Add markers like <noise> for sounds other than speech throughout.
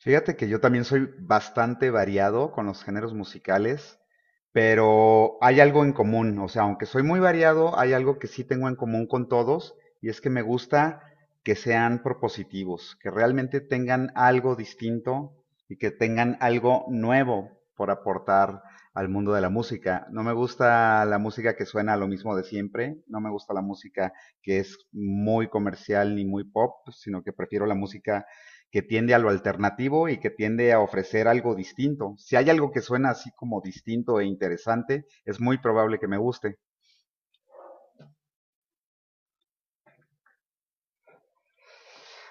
Fíjate que yo también soy bastante variado con los géneros musicales, pero hay algo en común. O sea, aunque soy muy variado, hay algo que sí tengo en común con todos, y es que me gusta que sean propositivos, que realmente tengan algo distinto y que tengan algo nuevo por aportar al mundo de la música. No me gusta la música que suena a lo mismo de siempre, no me gusta la música que es muy comercial ni muy pop, sino que prefiero la música que tiende a lo alternativo y que tiende a ofrecer algo distinto. Si hay algo que suena así como distinto e interesante, es muy probable que me guste.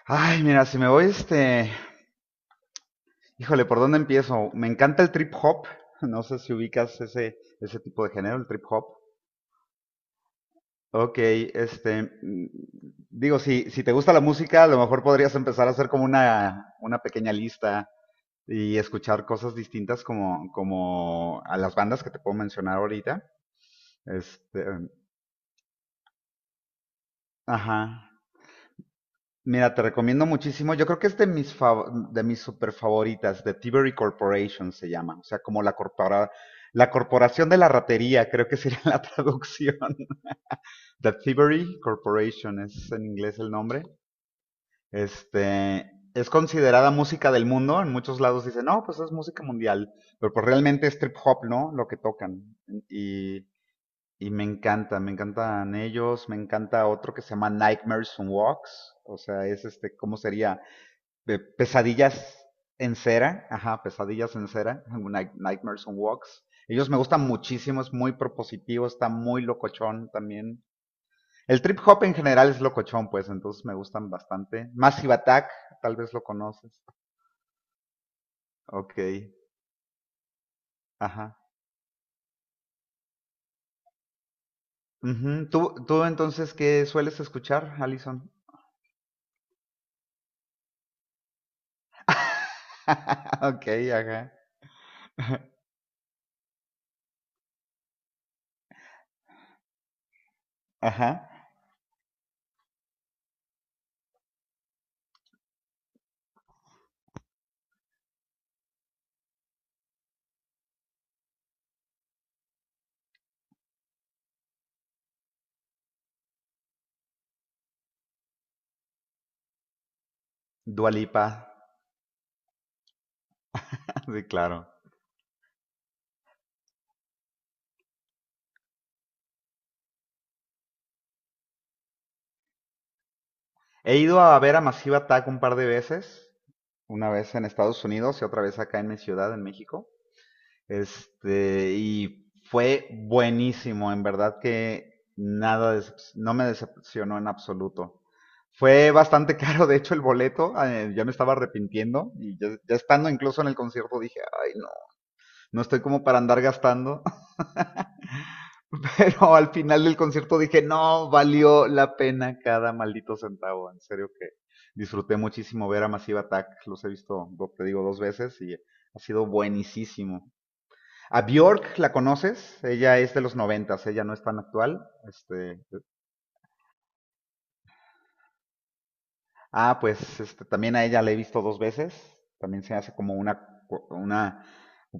Ay, mira, si me voy Híjole, ¿por dónde empiezo? Me encanta el trip hop. <laughs> No sé si ubicas ese tipo de género, el trip hop. Ok, digo, si te gusta la música, a lo mejor podrías empezar a hacer como una pequeña lista y escuchar cosas distintas como a las bandas que te puedo mencionar ahorita. Este, Ajá. Mira, te recomiendo muchísimo. Yo creo que es de mis super favoritas, de Thievery Corporation se llama. O sea, como la corporación de la ratería, creo que sería <laughs> la traducción. The Thievery Corporation es en inglés el nombre. Este es considerada música del mundo. En muchos lados dicen, no, pues es música mundial. Pero pues realmente es trip hop, ¿no? Lo que tocan. Y Y me encanta, me encantan ellos, me encanta otro que se llama Nightmares on Walks, o sea, es ¿cómo sería? Pesadillas en cera, ajá, Pesadillas en cera, Nightmares on Walks. Ellos me gustan muchísimo, es muy propositivo, está muy locochón también. El trip hop en general es locochón, pues, entonces me gustan bastante. Massive Attack, tal vez lo conoces. Ok, ajá. Ujú. ¿Tú entonces qué sueles escuchar, Alison? <laughs> Ok, ajá. Ajá. Dualipa, <laughs> sí, claro. He ido a ver a Massive Attack un par de veces, una vez en Estados Unidos y otra vez acá en mi ciudad, en México. Y fue buenísimo, en verdad que nada, no me decepcionó en absoluto. Fue bastante <laughs> caro, de hecho, el boleto, yo me estaba arrepintiendo y ya estando incluso en el concierto dije, ay, no, no estoy como para andar gastando. <laughs> Pero al final del concierto dije, no, valió la pena cada maldito centavo. En serio que disfruté muchísimo ver a Massive Attack. Los he visto, te digo, dos veces y ha sido buenísimo. A Bjork, ¿la conoces? Ella es de los noventas, ella no es tan actual. Este, Ah, pues también a ella la he visto dos veces. También se hace como una, una,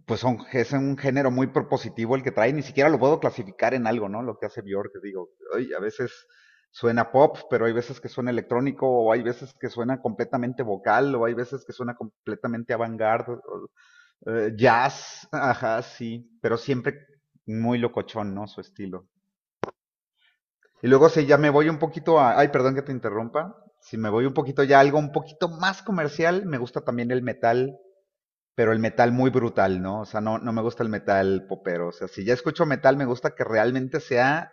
pues son- es un género muy propositivo el que trae. Ni siquiera lo puedo clasificar en algo, ¿no? Lo que hace Björk, que digo, ay, a veces suena pop, pero hay veces que suena electrónico, o hay veces que suena completamente vocal, o hay veces que suena completamente avant-garde, jazz, ajá, sí, pero siempre muy locochón, ¿no? Su estilo. Y luego si ya me voy un poquito. Ay, perdón que te interrumpa. Si me voy un poquito ya a algo un poquito más comercial, me gusta también el metal, pero el metal muy brutal, ¿no? O sea, no, no me gusta el metal popero. O sea, si ya escucho metal, me gusta que realmente sea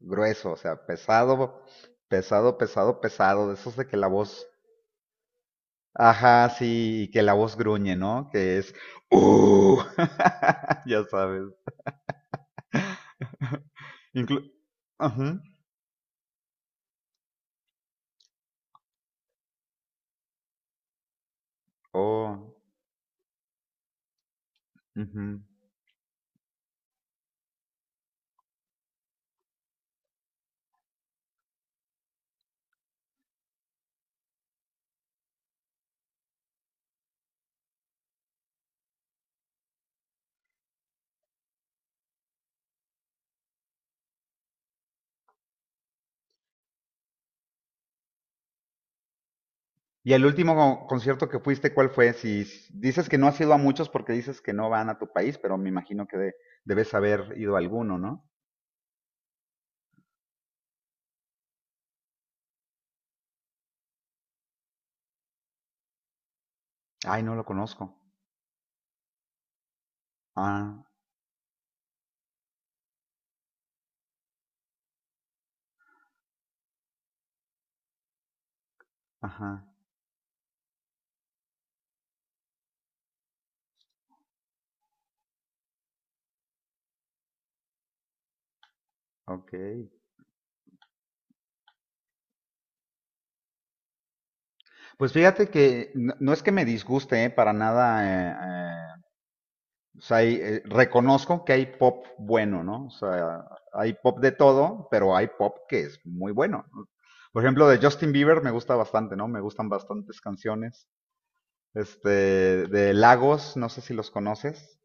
grueso, o sea, pesado, pesado, pesado, pesado. De esos de que la voz... Ajá, sí, y que la voz gruñe, ¿no? Que es... ¡Uh! <laughs> ya sabes. Inclu... Ajá. Oh. Ujú. Y el último concierto que fuiste, ¿cuál fue? Si dices que no has ido a muchos porque dices que no van a tu país, pero me imagino que debes haber ido a alguno, ¿no? Ay, no lo conozco. Ah, ajá, ok. Pues fíjate que no, no es que me disguste, ¿eh? Para nada. eh, eh, o sea, reconozco que hay pop bueno, ¿no? O sea, hay pop de todo, pero hay pop que es muy bueno, ¿no? Por ejemplo, de Justin Bieber me gusta bastante, ¿no? Me gustan bastantes canciones. este, de Lagos, no sé si los conoces.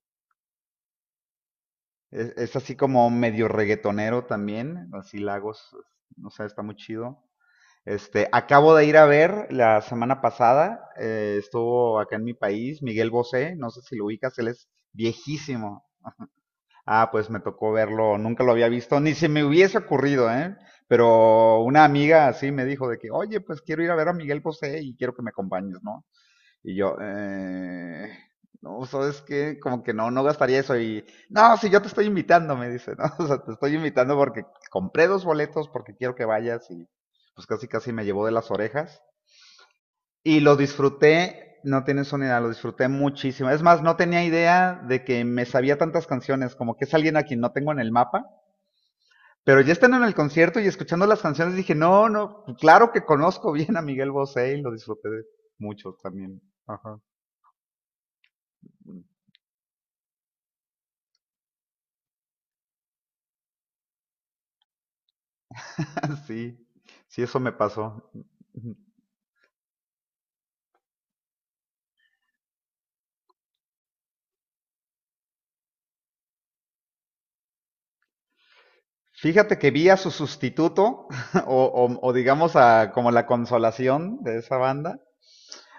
Es así como medio reggaetonero también, así Lagos, no sé, está muy chido. Acabo de ir a ver la semana pasada, estuvo acá en mi país, Miguel Bosé, no sé si lo ubicas, él es viejísimo. Ah, pues me tocó verlo, nunca lo había visto, ni se me hubiese ocurrido, ¿eh? Pero una amiga así me dijo de que, oye, pues quiero ir a ver a Miguel Bosé y quiero que me acompañes, ¿no? Y yo, no, ¿sabes qué? Como que no, no gastaría eso. Y, no, si yo te estoy invitando, me dice, ¿no? <laughs> O sea, te estoy invitando porque compré dos boletos porque quiero que vayas y pues casi casi me llevó de las orejas. Y lo disfruté, no tienes una idea, lo disfruté muchísimo. Es más, no tenía idea de que me sabía tantas canciones, como que es alguien a quien no tengo en el mapa. Pero ya estando en el concierto y escuchando las canciones dije, no, no, claro que conozco bien a Miguel Bosé y lo disfruté mucho también. Ajá. <laughs> Sí, sí, eso me pasó. Fíjate que vi a su sustituto, <laughs> o digamos a como la consolación de esa banda,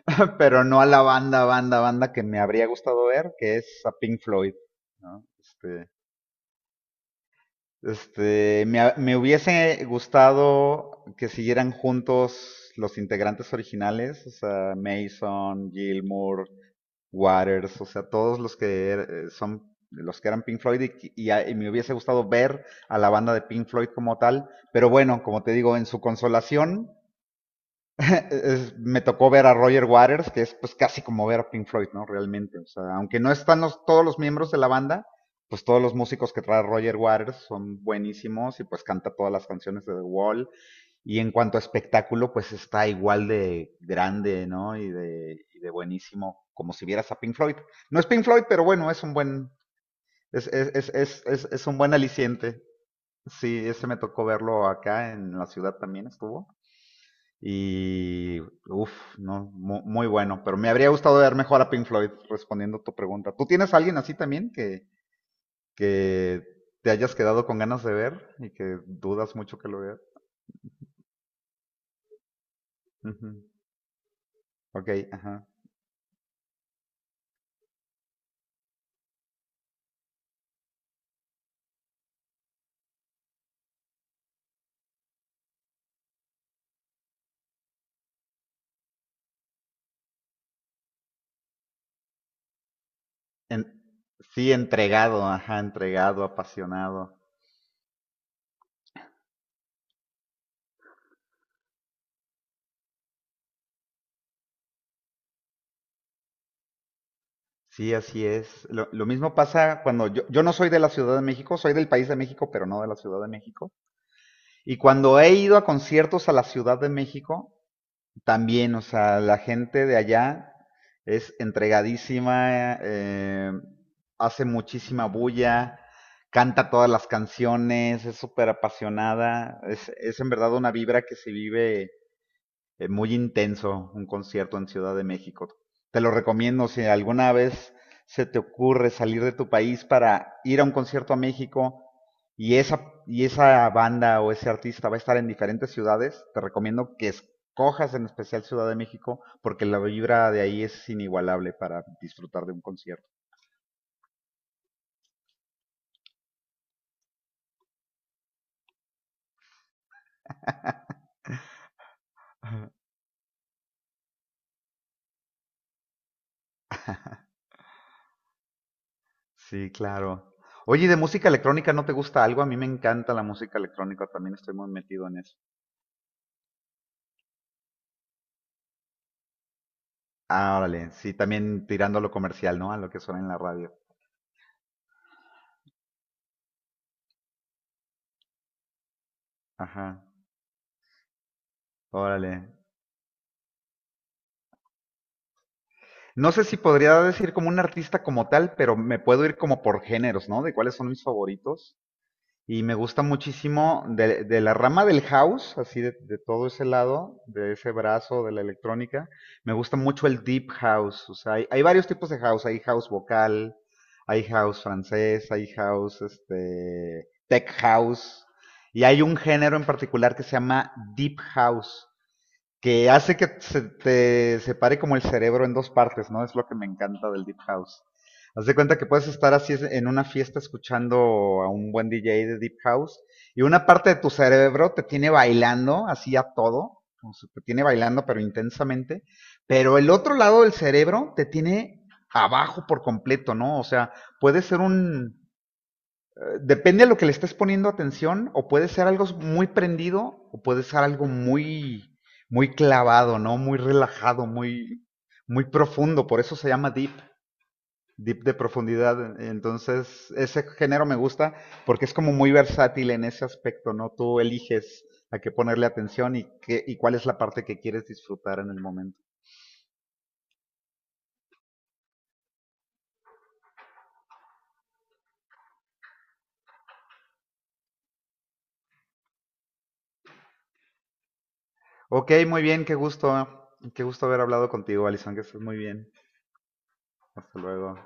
<laughs> pero no a la banda, banda, banda que me habría gustado ver, que es a Pink Floyd, ¿no? Me hubiese gustado que siguieran juntos los integrantes originales, o sea, Mason, Gilmour, Waters, o sea, todos los que son los que eran Pink Floyd y me hubiese gustado ver a la banda de Pink Floyd como tal, pero bueno, como te digo, en su consolación <laughs> me tocó ver a Roger Waters, que es pues casi como ver a Pink Floyd, ¿no? Realmente, o sea, aunque no están todos los miembros de la banda, pues todos los músicos que trae Roger Waters son buenísimos y pues canta todas las canciones de The Wall y en cuanto a espectáculo, pues está igual de grande, ¿no? y de, buenísimo, como si vieras a Pink Floyd. No es Pink Floyd, pero bueno, es un buen, es un buen aliciente. Sí, ese me tocó verlo acá en la ciudad también estuvo. Y, uff, no, muy, bueno. Pero me habría gustado ver mejor a Pink Floyd respondiendo a tu pregunta. ¿Tú tienes a alguien así también que te hayas quedado con ganas de ver y que dudas mucho que lo veas? Ujú. Ok, ajá. En- sí, entregado, ajá, entregado, apasionado. Sí, así es. Lo mismo pasa cuando yo no soy de la Ciudad de México, soy del país de México, pero no de la Ciudad de México. Y cuando he ido a conciertos a la Ciudad de México, también, o sea, la gente de allá es entregadísima, hace muchísima bulla, canta todas las canciones, es súper apasionada, es en verdad una vibra que se vive muy intenso, un concierto en Ciudad de México. Te lo recomiendo si alguna vez se te ocurre salir de tu país para ir a un concierto a México y esa, banda o ese artista va a estar en diferentes ciudades, te recomiendo que escojas en especial Ciudad de México porque la vibra de ahí es inigualable para disfrutar de un concierto. Sí, claro. Oye, ¿y de música electrónica no te gusta algo? A mí me encanta la música electrónica, también estoy muy metido en eso. Ah, órale, sí, también tirando a lo comercial, ¿no? A lo que suena en la radio. Ajá, órale. No sé si podría decir como un artista como tal, pero me puedo ir como por géneros, ¿no? De cuáles son mis favoritos. Y me gusta muchísimo de la rama del house, así de todo ese lado, de ese brazo de la electrónica. Me gusta mucho el deep house. O sea, hay varios tipos de house. Hay house vocal, hay house francés, hay house, tech house. Y hay un género en particular que se llama deep house, que hace que se te separe como el cerebro en dos partes, ¿no? Es lo que me encanta del Deep House. Haz de cuenta que puedes estar así en una fiesta escuchando a un buen DJ de Deep House y una parte de tu cerebro te tiene bailando así a todo, o sea, te tiene bailando pero intensamente, pero el otro lado del cerebro te tiene abajo por completo, ¿no? O sea, puede ser depende a lo que le estés poniendo atención, o puede ser algo muy prendido, o puede ser algo muy, muy clavado, ¿no? Muy relajado, muy, muy profundo. Por eso se llama deep, deep de profundidad. Entonces, ese género me gusta porque es como muy versátil en ese aspecto, ¿no? Tú eliges a qué ponerle atención y, cuál es la parte que quieres disfrutar en el momento. Ok, muy bien, qué gusto. Qué gusto haber hablado contigo, Alison, que estés muy bien. Hasta luego.